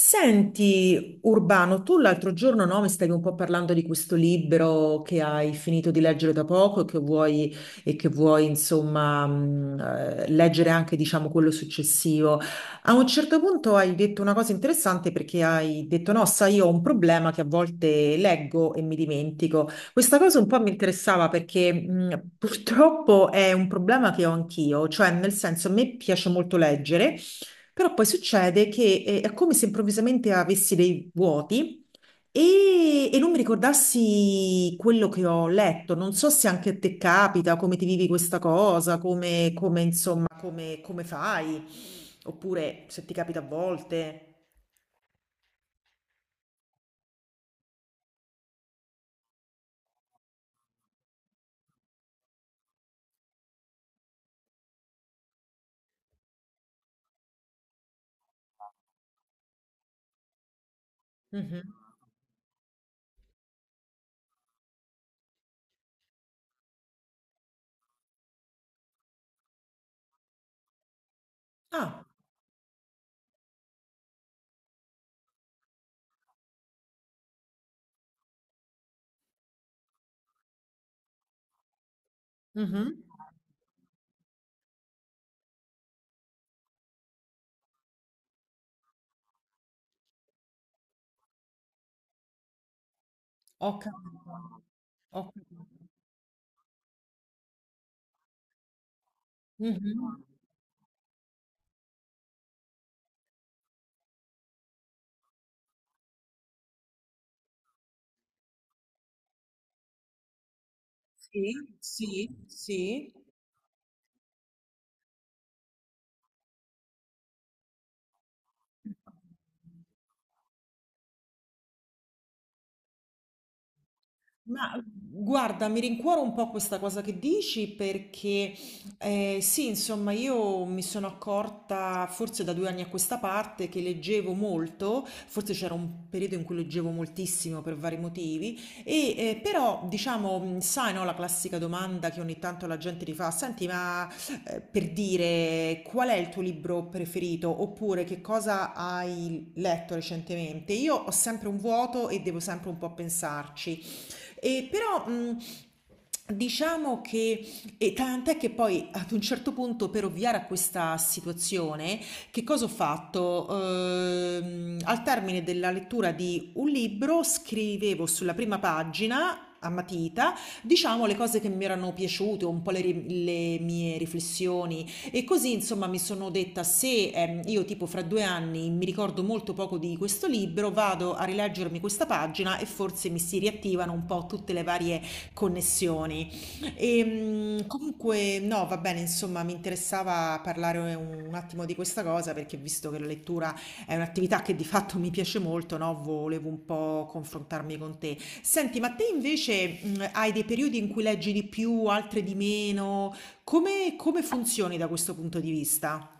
Senti, Urbano, tu l'altro giorno no, mi stavi un po' parlando di questo libro che hai finito di leggere da poco e e che vuoi insomma, leggere anche, diciamo, quello successivo. A un certo punto hai detto una cosa interessante perché hai detto, no, sai, io ho un problema che a volte leggo e mi dimentico. Questa cosa un po' mi interessava perché purtroppo è un problema che ho anch'io, cioè nel senso a me piace molto leggere. Però poi succede che è come se improvvisamente avessi dei vuoti e non mi ricordassi quello che ho letto. Non so se anche a te capita, come ti vivi questa cosa, insomma, come fai, oppure se ti capita a volte. Mhm. Ah, mhm. Ho capito. Ho capito. Mhm. Sì, sì, sì. Ma guarda, mi rincuoro un po' questa cosa che dici perché sì, insomma, io mi sono accorta forse da 2 anni a questa parte che leggevo molto, forse c'era un periodo in cui leggevo moltissimo per vari motivi, e però diciamo, sai, no, la classica domanda che ogni tanto la gente ti fa, senti, ma per dire qual è il tuo libro preferito oppure che cosa hai letto recentemente? Io ho sempre un vuoto e devo sempre un po' pensarci. E però, Diciamo che, e tant'è che poi ad un certo punto per ovviare a questa situazione, che cosa ho fatto? Al termine della lettura di un libro scrivevo sulla prima pagina a matita, diciamo le cose che mi erano piaciute, un po' le mie riflessioni e così, insomma, mi sono detta: se io, tipo, fra 2 anni mi ricordo molto poco di questo libro, vado a rileggermi questa pagina e forse mi si riattivano un po' tutte le varie connessioni. E, comunque, no, va bene, insomma, mi interessava parlare un attimo di questa cosa perché, visto che la lettura è un'attività che di fatto mi piace molto, no, volevo un po' confrontarmi con te. Senti, ma te invece hai dei periodi in cui leggi di più, altri di meno? Come funzioni da questo punto di vista?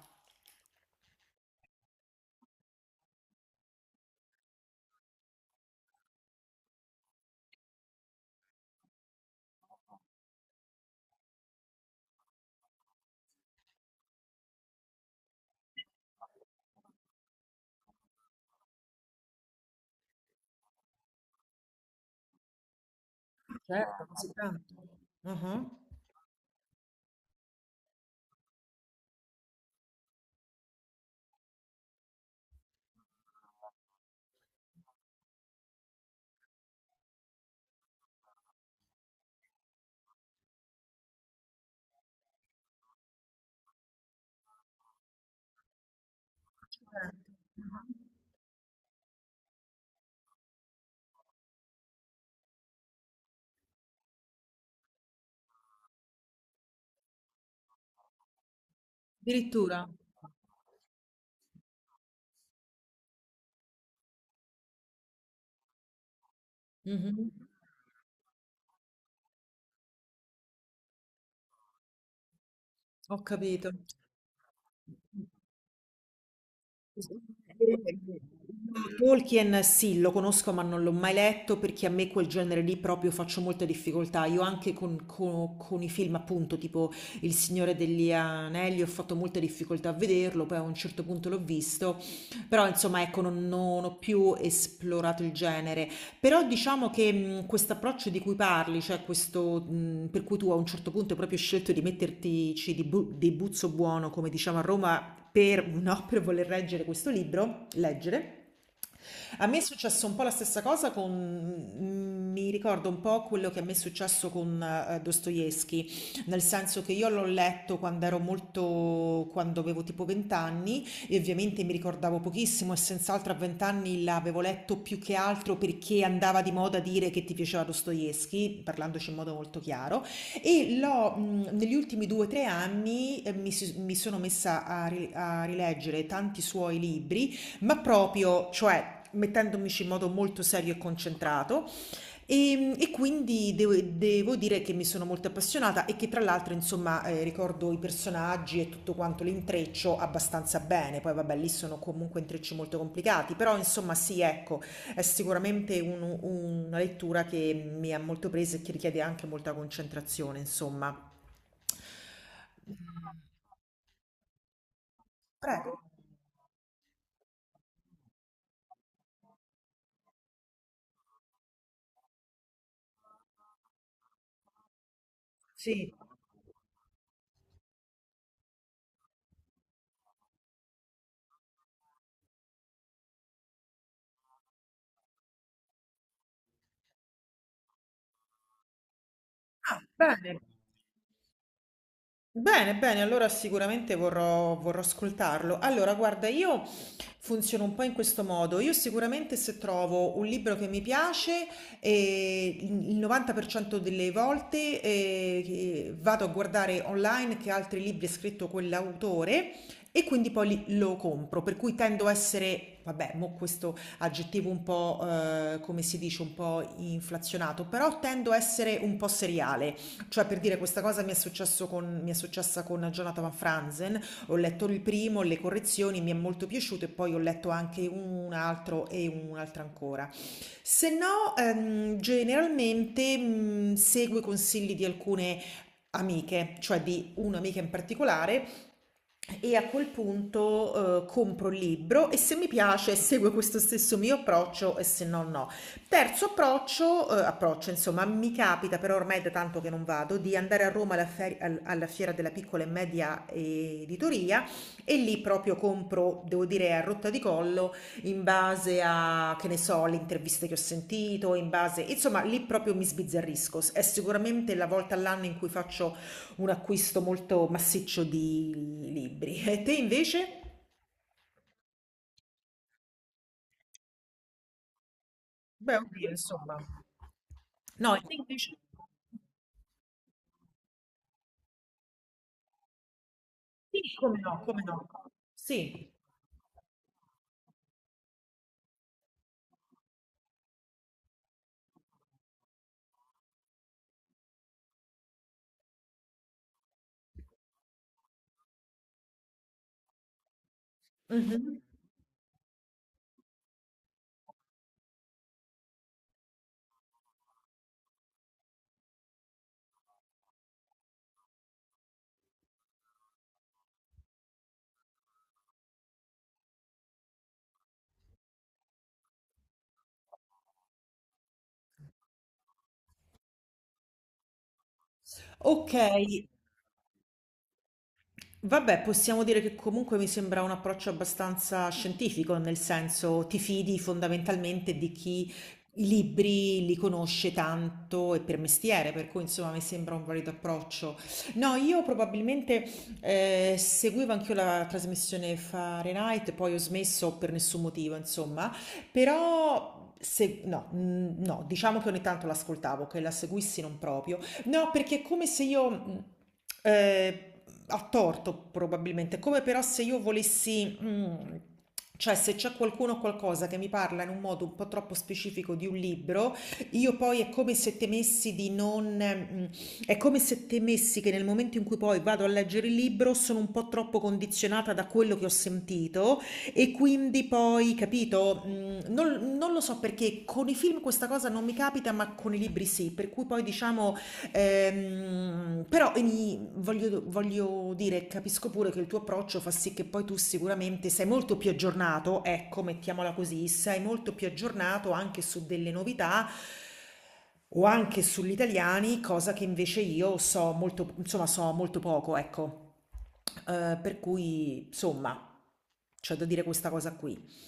Certo, così tanto. Ah-ah. Certo. Addirittura? Mh-mh. Ho capito. Tolkien sì, lo conosco ma non l'ho mai letto perché a me quel genere lì proprio faccio molta difficoltà. Io anche con i film appunto tipo Il Signore degli Anelli ho fatto molta difficoltà a vederlo, poi a un certo punto l'ho visto, però insomma ecco non ho più esplorato il genere. Però diciamo che questo approccio di cui parli, cioè questo per cui tu a un certo punto hai proprio scelto di mettertici di buzzo buono, come diciamo a Roma, no, per voler reggere questo libro, leggere. A me è successo un po' la stessa cosa con, mi ricordo un po' quello che a me è successo con Dostoevsky, nel senso che io l'ho letto quando ero molto, quando avevo tipo 20 anni e ovviamente mi ricordavo pochissimo e senz'altro a 20 anni l'avevo letto più che altro perché andava di moda dire che ti piaceva Dostoevsky, parlandoci in modo molto chiaro. E l'ho, negli ultimi 2, 3 anni, mi sono messa a rileggere tanti suoi libri, ma proprio cioè mettendomici in modo molto serio e concentrato. E quindi devo dire che mi sono molto appassionata e che tra l'altro insomma, ricordo i personaggi e tutto quanto l'intreccio abbastanza bene. Poi vabbè lì sono comunque intrecci molto complicati, però insomma sì, ecco, è sicuramente un una lettura che mi ha molto presa e che richiede anche molta concentrazione insomma. Prego. Sì. Ah, bene. Bene, bene, allora sicuramente vorrò ascoltarlo. Allora, guarda, io funziono un po' in questo modo. Io sicuramente se trovo un libro che mi piace, il 90% delle volte che vado a guardare online che altri libri ha scritto quell'autore e quindi lo compro. Per cui tendo a essere, vabbè, mo questo aggettivo un po', come si dice, un po' inflazionato, però tendo a essere un po' seriale. Cioè, per dire, questa cosa mi è successo con, mi è successa con Jonathan Van Franzen, ho letto il primo, le correzioni, mi è molto piaciuto e poi ho letto anche un altro e un'altra ancora. Se no, generalmente seguo i consigli di alcune amiche, cioè di un'amica in particolare, e a quel punto compro il libro e se mi piace seguo questo stesso mio approccio e se no no. Terzo approccio insomma, mi capita però ormai è da tanto che non vado, di andare a Roma alla feri al alla fiera della piccola e media editoria e lì proprio compro, devo dire a rotta di collo, in base a, che ne so, le interviste che ho sentito, in base insomma lì proprio mi sbizzarrisco. S è sicuramente la volta all'anno in cui faccio un acquisto molto massiccio di libri. E te invece? Beh, oddio insomma. No, e te invece? Sì, come no, come no. Sì. Mh-mh. Okay. Vabbè, possiamo dire che comunque mi sembra un approccio abbastanza scientifico, nel senso ti fidi fondamentalmente di chi i libri li conosce tanto e per mestiere, per cui insomma mi sembra un valido approccio. No, io probabilmente seguivo anch'io la trasmissione Fahrenheit, poi ho smesso per nessun motivo, insomma, però se, no, no, diciamo che ogni tanto l'ascoltavo, che la seguissi non proprio. No, perché è come se io, eh, a torto probabilmente, come però se io volessi, cioè se c'è qualcuno o qualcosa che mi parla in un modo un po' troppo specifico di un libro, io poi è come se temessi di non, è come se temessi che nel momento in cui poi vado a leggere il libro sono un po' troppo condizionata da quello che ho sentito e quindi poi, capito, non, lo so perché con i film questa cosa non mi capita, ma con i libri sì, per cui poi diciamo... Però voglio dire, capisco pure che il tuo approccio fa sì che poi tu sicuramente sei molto più aggiornato, ecco, mettiamola così, sei molto più aggiornato anche su delle novità o anche sugli italiani, cosa che invece io so molto, insomma, so molto poco, ecco. Per cui, insomma, c'è da dire questa cosa qui.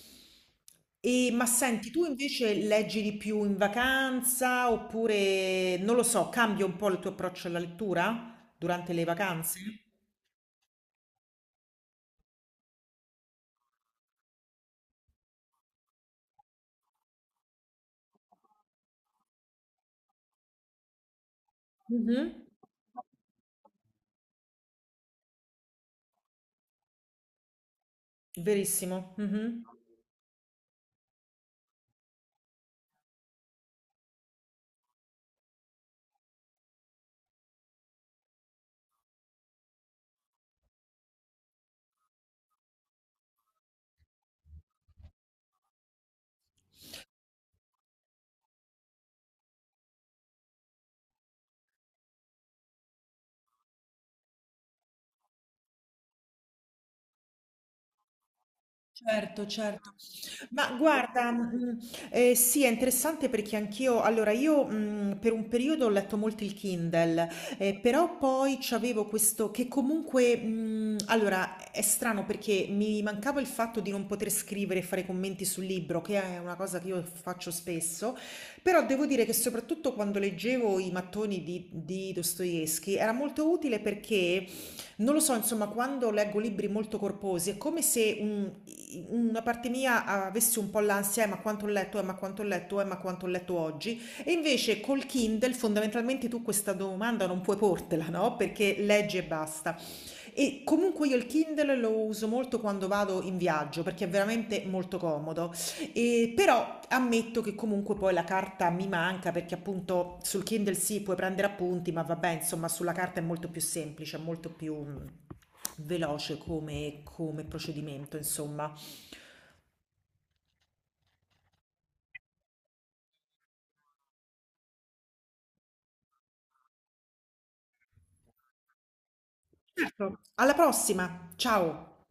E, ma senti, tu invece leggi di più in vacanza oppure, non lo so, cambia un po' il tuo approccio alla lettura durante le vacanze? Mhm. Verissimo. Mhm. Certo, certo. Ma guarda, sì, è interessante perché anch'io allora io, per un periodo ho letto molto il Kindle, però poi c'avevo questo che comunque, allora è strano perché mi mancava il fatto di non poter scrivere e fare commenti sul libro, che è una cosa che io faccio spesso, però devo dire che soprattutto quando leggevo i mattoni di Dostoevskij era molto utile perché non lo so, insomma, quando leggo libri molto corposi è come se una parte mia avesse un po' l'ansia, ma quanto ho letto, ma quanto ho letto, ma quanto ho letto oggi. E invece col Kindle fondamentalmente tu questa domanda non puoi portela, no? Perché leggi e basta. E comunque io il Kindle lo uso molto quando vado in viaggio perché è veramente molto comodo. E però ammetto che comunque poi la carta mi manca perché appunto sul Kindle sì, puoi prendere appunti, ma vabbè, insomma, sulla carta è molto più semplice, è molto più veloce come, come procedimento, insomma. Certo. Alla prossima, ciao!